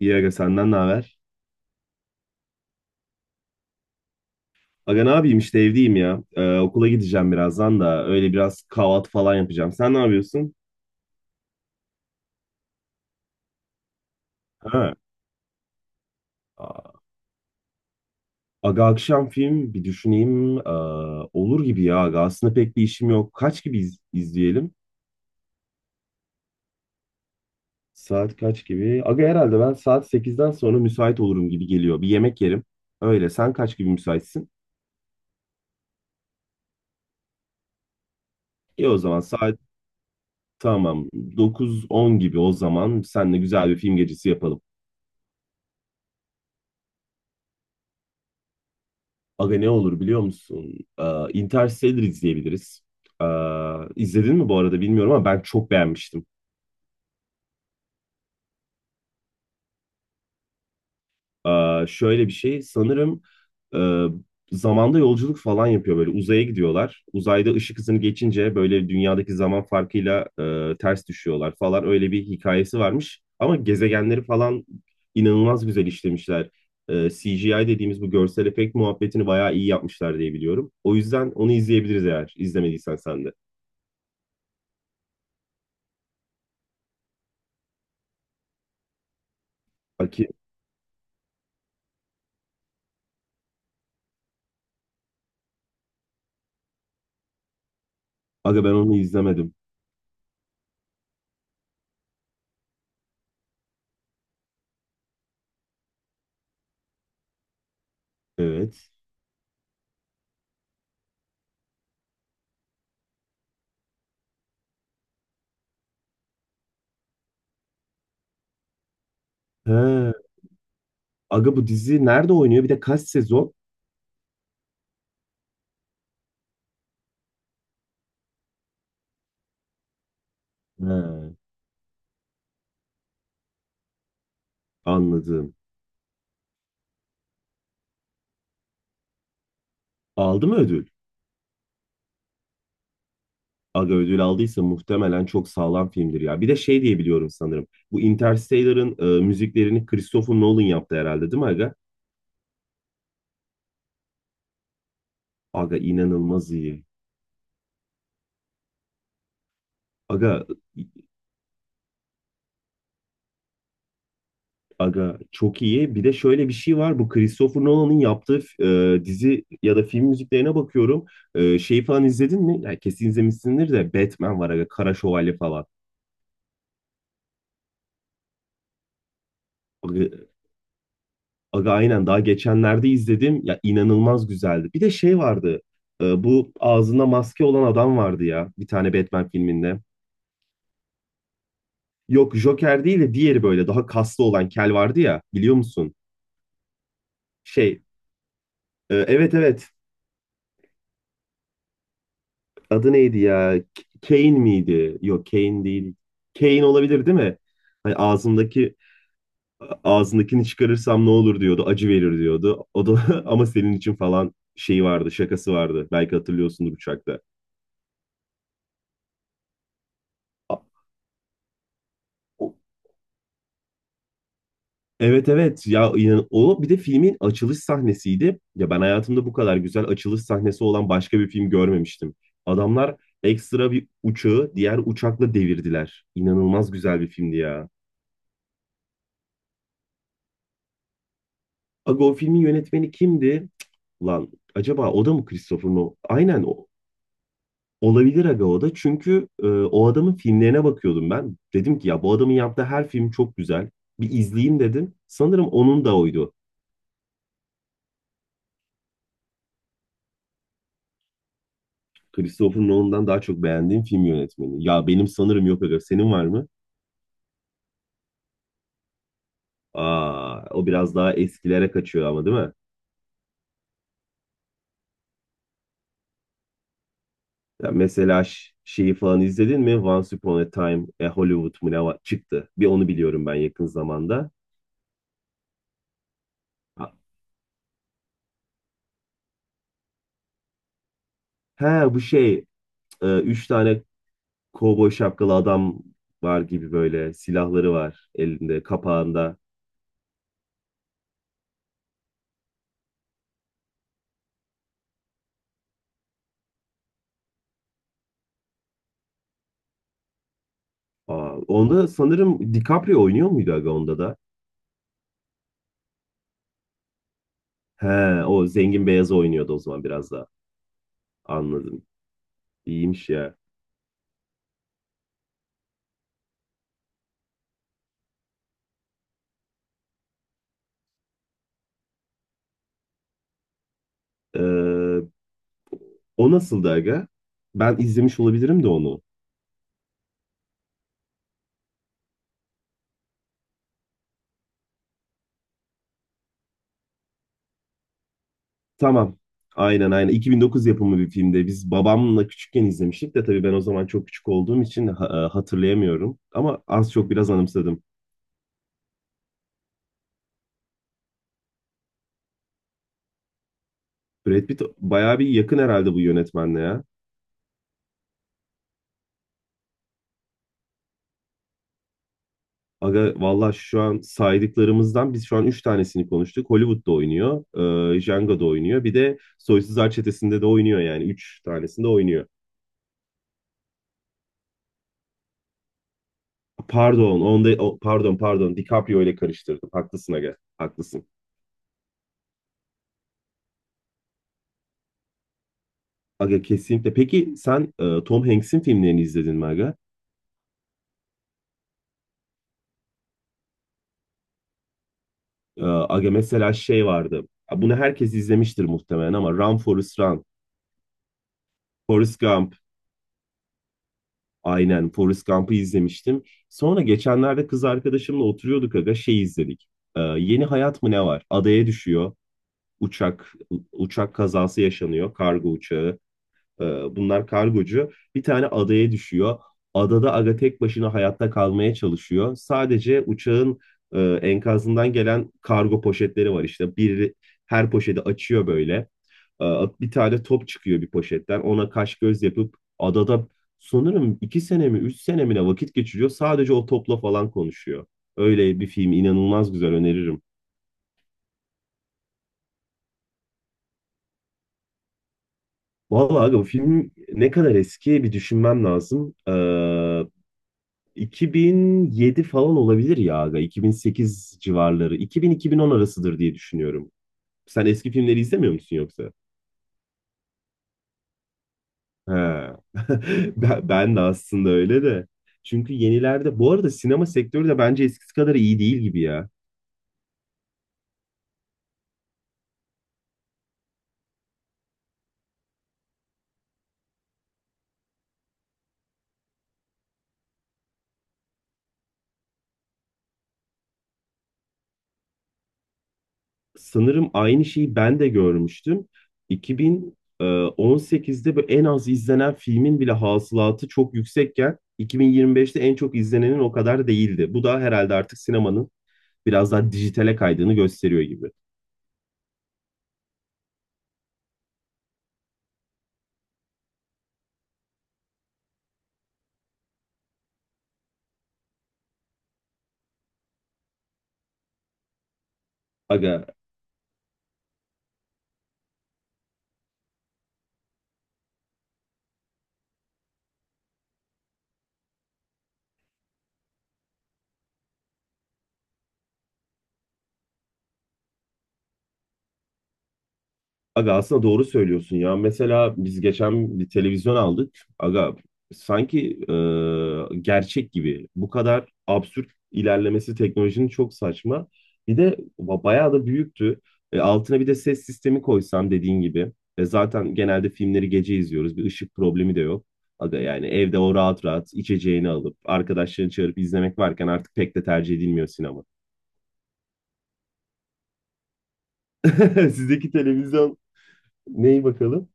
İyi aga senden ne haber? Aga ne yapayım işte evdeyim ya. Okula gideceğim birazdan da öyle biraz kahvaltı falan yapacağım. Sen ne yapıyorsun? Ha. Aa, Aga akşam film bir düşüneyim. Olur gibi ya aga. Aslında pek bir işim yok. Kaç gibi izleyelim? Saat kaç gibi? Aga herhalde ben saat 8'den sonra müsait olurum gibi geliyor. Bir yemek yerim. Öyle sen kaç gibi müsaitsin? İyi o zaman saat, tamam, dokuz on gibi o zaman seninle güzel bir film gecesi yapalım. Aga ne olur biliyor musun? Interstellar izleyebiliriz. Ee, izledin mi bu arada bilmiyorum ama ben çok beğenmiştim. Şöyle bir şey sanırım e, zamanda yolculuk falan yapıyor böyle uzaya gidiyorlar. Uzayda ışık hızını geçince böyle dünyadaki zaman farkıyla ters düşüyorlar falan öyle bir hikayesi varmış. Ama gezegenleri falan inanılmaz güzel işlemişler. CGI dediğimiz bu görsel efekt muhabbetini bayağı iyi yapmışlar diye biliyorum. O yüzden onu izleyebiliriz eğer izlemediysen sen de. Aga ben onu izlemedim. Evet. He. Aga bu dizi nerede oynuyor? Bir de kaç sezon? He. Anladım. Aldı mı ödül? Aga ödül aldıysa muhtemelen çok sağlam filmdir ya. Bir de şey diye biliyorum sanırım. Bu Interstellar'ın müziklerini Christopher Nolan yaptı herhalde değil mi aga? Aga inanılmaz iyi. Aga Aga çok iyi. Bir de şöyle bir şey var. Bu Christopher Nolan'ın yaptığı dizi ya da film müziklerine bakıyorum. Şeyi falan izledin mi? Yani kesin izlemişsindir de Batman var aga. Kara Şövalye falan. Aga, aga, aynen daha geçenlerde izledim. Ya inanılmaz güzeldi. Bir de şey vardı. Bu ağzında maske olan adam vardı ya. Bir tane Batman filminde. Yok Joker değil de diğeri böyle daha kaslı olan kel vardı ya. Biliyor musun? Şey, evet evet. Adı neydi ya? Kane miydi? Yok Kane değil. Kane olabilir değil mi? Hani ağzındakini çıkarırsam ne olur diyordu. Acı verir diyordu. O da ama senin için falan şeyi vardı. Şakası vardı. Belki hatırlıyorsundur uçakta. Evet evet ya o bir de filmin açılış sahnesiydi. Ya ben hayatımda bu kadar güzel açılış sahnesi olan başka bir film görmemiştim. Adamlar ekstra bir uçağı diğer uçakla devirdiler. İnanılmaz güzel bir filmdi ya. Aga o filmin yönetmeni kimdi? Cık, lan acaba o da mı Christopher Nolan? Aynen o. Olabilir aga o da. Çünkü o adamın filmlerine bakıyordum ben. Dedim ki ya bu adamın yaptığı her film çok güzel. Bir izleyeyim dedim. Sanırım onun da oydu. Christopher Nolan'dan daha çok beğendiğim film yönetmeni. Ya benim sanırım yok aga. Senin var mı? O biraz daha eskilere kaçıyor ama değil mi? Ya mesela şeyi falan izledin mi? Once Upon a Time Hollywood mu ne var? Çıktı. Bir onu biliyorum ben yakın zamanda. Ha, he, bu şey, üç tane kovboy şapkalı adam var gibi böyle silahları var elinde kapağında. Onda sanırım DiCaprio oynuyor muydu aga onda da? He, o zengin beyazı oynuyordu o zaman biraz daha. Anladım. İyiymiş ya. Ee, O nasıldı aga? Ben izlemiş olabilirim de onu. Tamam. Aynen aynen. 2009 yapımı bir filmde. Biz babamla küçükken izlemiştik de tabii ben o zaman çok küçük olduğum için hatırlayamıyorum. Ama az çok biraz anımsadım. Brad Pitt bayağı bir yakın herhalde bu yönetmenle ya. Aga valla şu an saydıklarımızdan biz şu an 3 tanesini konuştuk. Hollywood'da oynuyor. Django'da oynuyor. Bir de Soysuzlar Çetesi'nde de oynuyor yani. Üç tanesinde oynuyor. Pardon, onda pardon, pardon DiCaprio ile karıştırdım. Haklısın aga. Haklısın. Aga kesinlikle. Peki sen Tom Hanks'in filmlerini izledin mi aga? Aga mesela şey vardı. Ha, bunu herkes izlemiştir muhtemelen ama Run Forrest Run, Forrest Gump. Aynen Forrest Gump'ı izlemiştim. Sonra geçenlerde kız arkadaşımla oturuyorduk aga şey izledik. Yeni Hayat mı ne var? Adaya düşüyor. Uçak uçak kazası yaşanıyor. Kargo uçağı. Ee, Bunlar kargocu. Bir tane adaya düşüyor. Adada aga tek başına hayatta kalmaya çalışıyor. Sadece uçağın enkazından gelen kargo poşetleri var işte. Bir her poşeti açıyor böyle. Ee, Bir tane top çıkıyor bir poşetten. Ona kaş göz yapıp adada sanırım 2 sene mi 3 sene mi ne vakit geçiriyor. Sadece o topla falan konuşuyor. Öyle bir film inanılmaz güzel öneririm. Vallahi aga bu film ne kadar eski bir düşünmem lazım. 2007 falan olabilir ya aga. 2008 civarları. 2000-2010 arasıdır diye düşünüyorum. Sen eski filmleri izlemiyor musun yoksa? He. Ben de aslında öyle de. Çünkü yenilerde bu arada sinema sektörü de bence eskisi kadar iyi değil gibi ya. Sanırım aynı şeyi ben de görmüştüm. 2018'de böyle en az izlenen filmin bile hasılatı çok yüksekken 2025'te en çok izlenenin o kadar değildi. Bu da herhalde artık sinemanın biraz daha dijitale kaydığını gösteriyor gibi. Aga, aga, aslında doğru söylüyorsun ya. Mesela biz geçen bir televizyon aldık. Aga sanki gerçek gibi. Bu kadar absürt ilerlemesi teknolojinin çok saçma. Bir de bayağı da büyüktü. Altına bir de ses sistemi koysan dediğin gibi. Zaten genelde filmleri gece izliyoruz. Bir ışık problemi de yok. Aga yani evde o rahat rahat içeceğini alıp arkadaşlarını çağırıp izlemek varken artık pek de tercih edilmiyor sinema. Sizdeki televizyon. Neyi bakalım?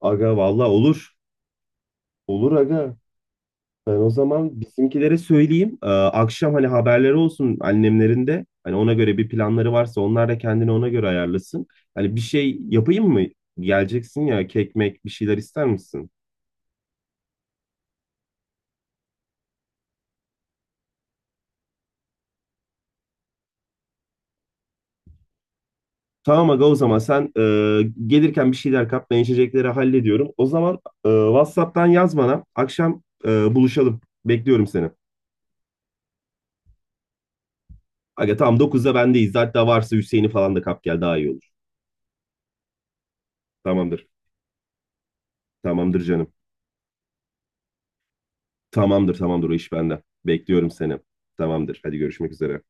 Aga valla olur. Olur aga. Ben o zaman bizimkilere söyleyeyim. Akşam hani haberleri olsun annemlerin de. Hani ona göre bir planları varsa onlar da kendini ona göre ayarlasın. Hani bir şey yapayım mı? Geleceksin ya kek mek bir şeyler ister misin? Tamam aga o zaman sen gelirken bir şeyler kap ben içecekleri hallediyorum. O zaman WhatsApp'tan yaz bana. Akşam buluşalım. Bekliyorum seni. Aga tamam 9'da bendeyiz. Hatta varsa Hüseyin'i falan da kap gel daha iyi olur. Tamamdır. Tamamdır canım. Tamamdır, tamamdır. O iş bende. Bekliyorum seni. Tamamdır. Hadi görüşmek üzere.